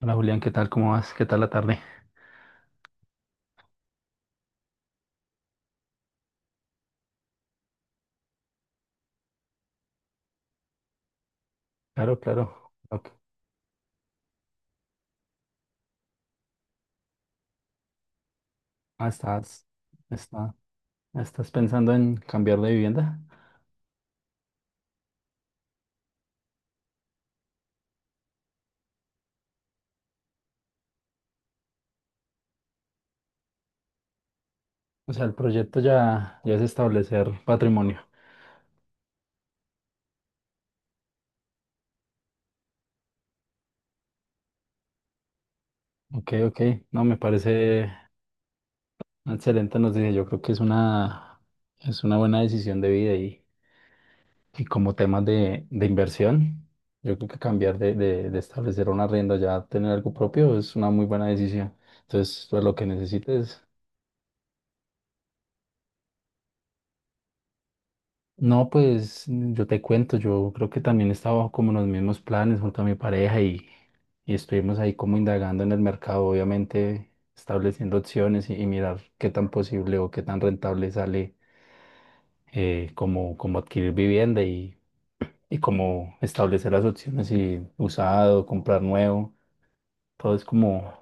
Hola Julián, ¿qué tal? ¿Cómo vas? ¿Qué tal la tarde? Claro, claro. Ok. Ah, estás, está, ¿Estás pensando en cambiar de vivienda? O sea, el proyecto ya es establecer patrimonio. Ok, ok. No, me parece una excelente noticia. Yo creo que es es una buena decisión de vida y como temas de inversión, yo creo que cambiar de establecer una rienda ya a tener algo propio es una muy buena decisión. Entonces, pues lo que necesites. No, pues yo te cuento, yo creo que también estaba bajo como en los mismos planes junto a mi pareja y estuvimos ahí como indagando en el mercado, obviamente estableciendo opciones y mirar qué tan posible o qué tan rentable sale como, como adquirir vivienda y como establecer las opciones y usado, comprar nuevo, todo es como,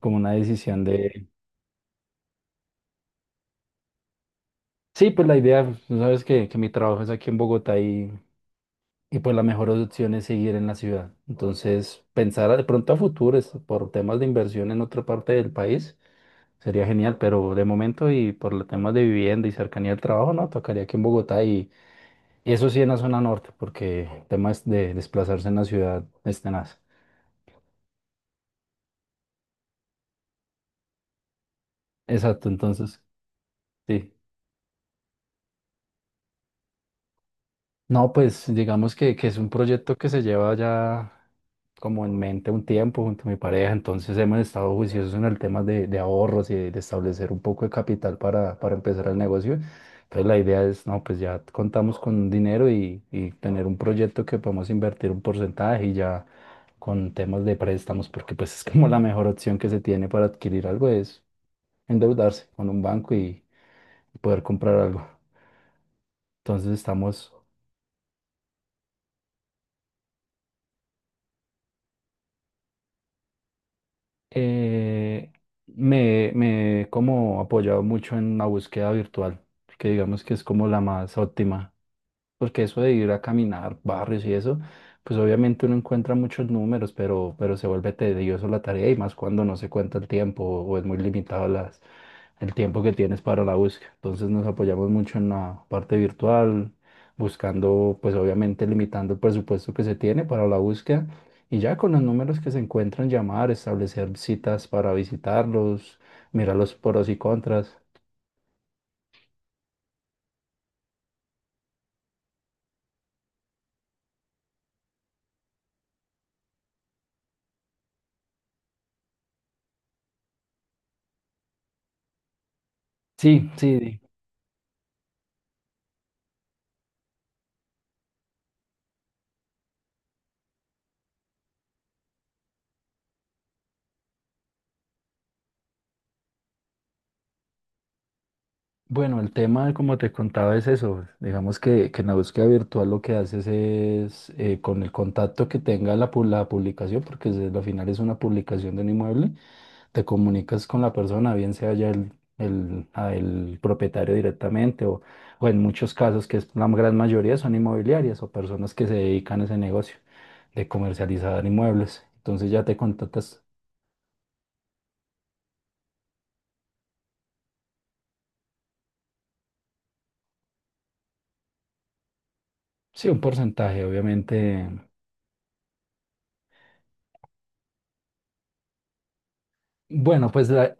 como una decisión de... Sí, pues la idea, tú sabes que mi trabajo es aquí en Bogotá. Y pues la mejor opción es seguir en la ciudad. Entonces, pensar de pronto a futuro es por temas de inversión en otra parte del país sería genial, pero de momento y por los temas de vivienda y cercanía al trabajo, no, tocaría aquí en Bogotá y eso sí en la zona norte, porque temas de desplazarse en la ciudad es tenaz. Exacto, entonces, sí. No, pues digamos que es un proyecto que se lleva ya como en mente un tiempo junto a mi pareja, entonces hemos estado juiciosos en el tema de ahorros y de establecer un poco de capital para empezar el negocio. Entonces la idea es, no, pues ya contamos con dinero y tener un proyecto que podemos invertir un porcentaje y ya con temas de préstamos, porque pues es como la mejor opción que se tiene para adquirir algo es endeudarse con un banco y poder comprar algo. Entonces estamos... eh, me he como apoyado mucho en la búsqueda virtual, que digamos que es como la más óptima porque eso de ir a caminar barrios y eso, pues obviamente uno encuentra muchos números, pero se vuelve tedioso la tarea y más cuando no se cuenta el tiempo o es muy limitado el tiempo que tienes para la búsqueda. Entonces nos apoyamos mucho en la parte virtual, buscando, pues obviamente limitando el presupuesto que se tiene para la búsqueda y ya con los números que se encuentran, llamar, establecer citas para visitarlos, mirar los pros y contras. Sí, sí. Bueno, el tema, como te contaba, es eso. Digamos que en la búsqueda virtual lo que haces es, con el contacto que tenga la publicación, porque al final es una publicación de un inmueble, te comunicas con la persona, bien sea ya a el propietario directamente o en muchos casos, que es la gran mayoría, son inmobiliarias o personas que se dedican a ese negocio de comercializar inmuebles. Entonces ya te contactas, sí, un porcentaje, obviamente. Bueno, pues la,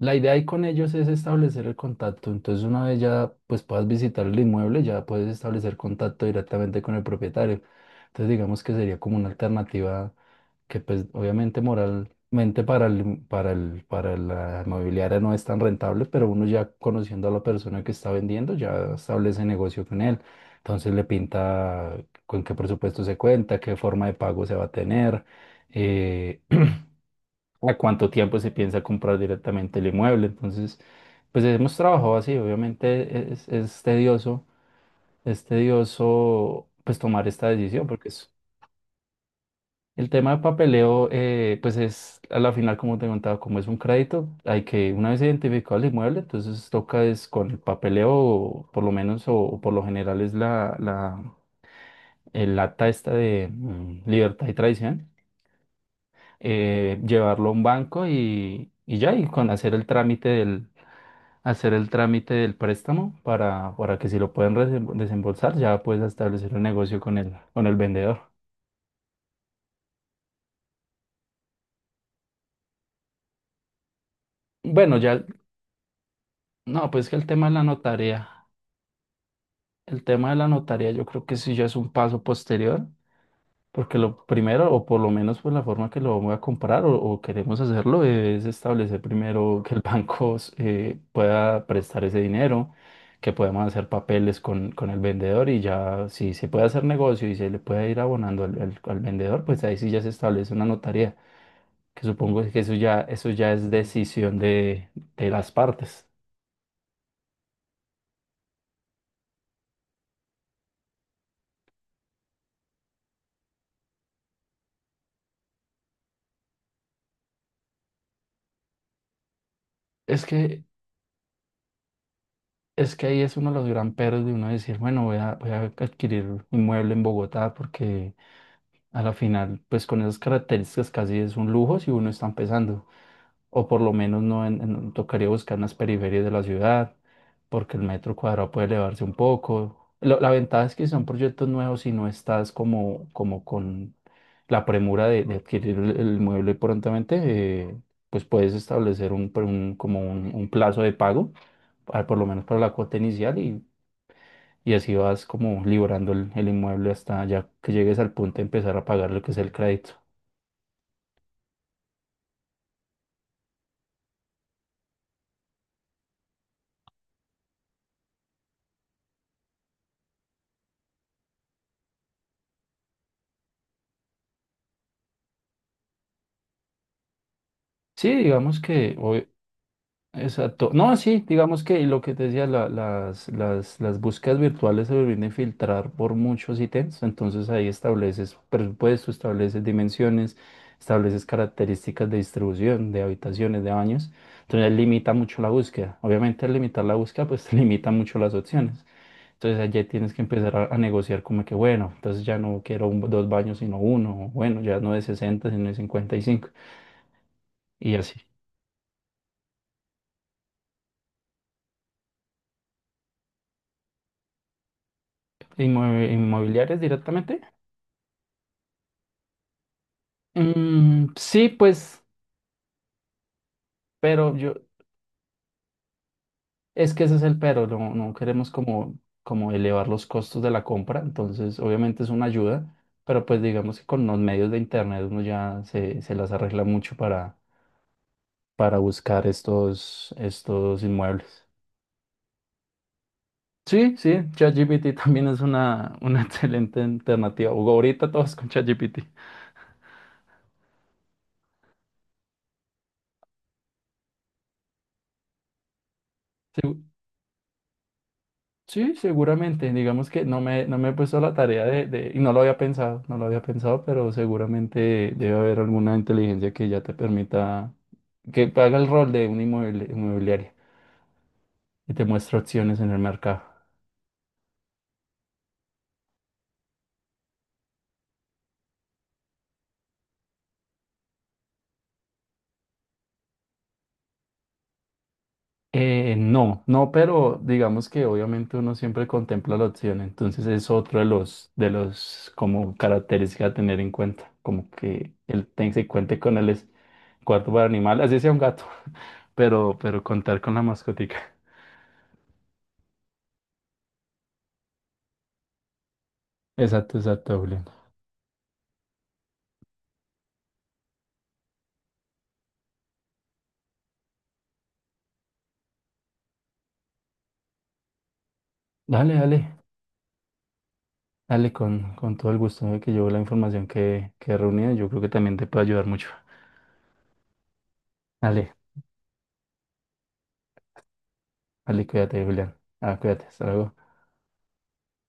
La idea ahí con ellos es establecer el contacto. Entonces, una vez ya pues puedas visitar el inmueble, ya puedes establecer contacto directamente con el propietario. Entonces, digamos que sería como una alternativa que pues obviamente moralmente para para la inmobiliaria no es tan rentable, pero uno ya conociendo a la persona que está vendiendo, ya establece negocio con él. Entonces le pinta con qué presupuesto se cuenta, qué forma de pago se va a tener, eh, a cuánto tiempo se piensa comprar directamente el inmueble. Entonces, pues hemos trabajado así, obviamente es tedioso pues tomar esta decisión, porque es, el tema de papeleo, pues es a la final, como te contaba, como es un crédito, hay que, una vez identificado el inmueble, entonces toca es con el papeleo, o por lo menos, o por lo general es el acta esta de libertad y tradición, llevarlo a un banco y ya, y con hacer el trámite del, hacer el trámite del préstamo para que si lo pueden desembolsar, ya puedes establecer un negocio con el vendedor. Bueno, ya, el- no, pues que el tema de la notaría, el tema de la notaría yo creo que sí ya es un paso posterior. Porque lo primero, o por lo menos pues la forma que lo vamos a comprar o queremos hacerlo, es establecer primero que el banco pueda prestar ese dinero, que podamos hacer papeles con el vendedor y ya si se puede hacer negocio y se le puede ir abonando al vendedor, pues ahí sí ya se establece una notaría, que supongo que eso ya es decisión de las partes. Es que, es que ahí es uno de los gran peros de uno decir, bueno, voy a, voy a adquirir un inmueble en Bogotá porque a la final, pues con esas características casi es un lujo si uno está empezando, o por lo menos no en- en- tocaría buscar en las periferias de la ciudad, porque el metro cuadrado puede elevarse un poco. La ventaja es que son proyectos nuevos y no estás como, como con la premura de adquirir el mueble prontamente, eh, pues puedes establecer como un plazo de pago, ah, por lo menos para la cuota inicial y así vas como librando el inmueble hasta ya que llegues al punto de empezar a pagar lo que es el crédito. Sí, digamos que hoy, exacto. No, sí, digamos que lo que te decía, las búsquedas virtuales se vienen a filtrar por muchos ítems, entonces ahí estableces presupuesto, estableces dimensiones, estableces características de distribución, de habitaciones, de baños, entonces limita mucho la búsqueda. Obviamente al limitar la búsqueda, pues limita mucho las opciones. Entonces allí tienes que empezar a negociar como que, bueno, entonces ya no quiero dos baños sino uno, o bueno, ya no de 60 sino de 55 y cinco y así. ¿Inmobiliarias directamente? Mm, sí, pues, pero yo, es que ese es el pero, no, no queremos como, como elevar los costos de la compra, entonces obviamente es una ayuda, pero pues digamos que con los medios de internet uno ya se las arregla mucho para buscar estos, estos inmuebles. Sí, sí, ChatGPT también es una excelente alternativa. Hugo, ahorita todos con ChatGPT. Segu- Sí, seguramente. Digamos que no me he puesto a la tarea y no lo había pensado, no lo había pensado, pero seguramente debe haber alguna inteligencia que ya te permita, que haga el rol de un inmobiliaria y te muestre opciones en el mercado. No, no, pero digamos que obviamente uno siempre contempla la opción, entonces es otro de los como características a tener en cuenta, como que se cuente con cuarto para animal, así sea un gato, pero contar con la mascotica. Exacto, exacto, Julián. Dale, dale, dale, con todo el gusto de que yo la información que he reunido, yo creo que también te puede ayudar mucho. Dale, dale, cuídate, Julián. Ah, cuídate, hasta luego.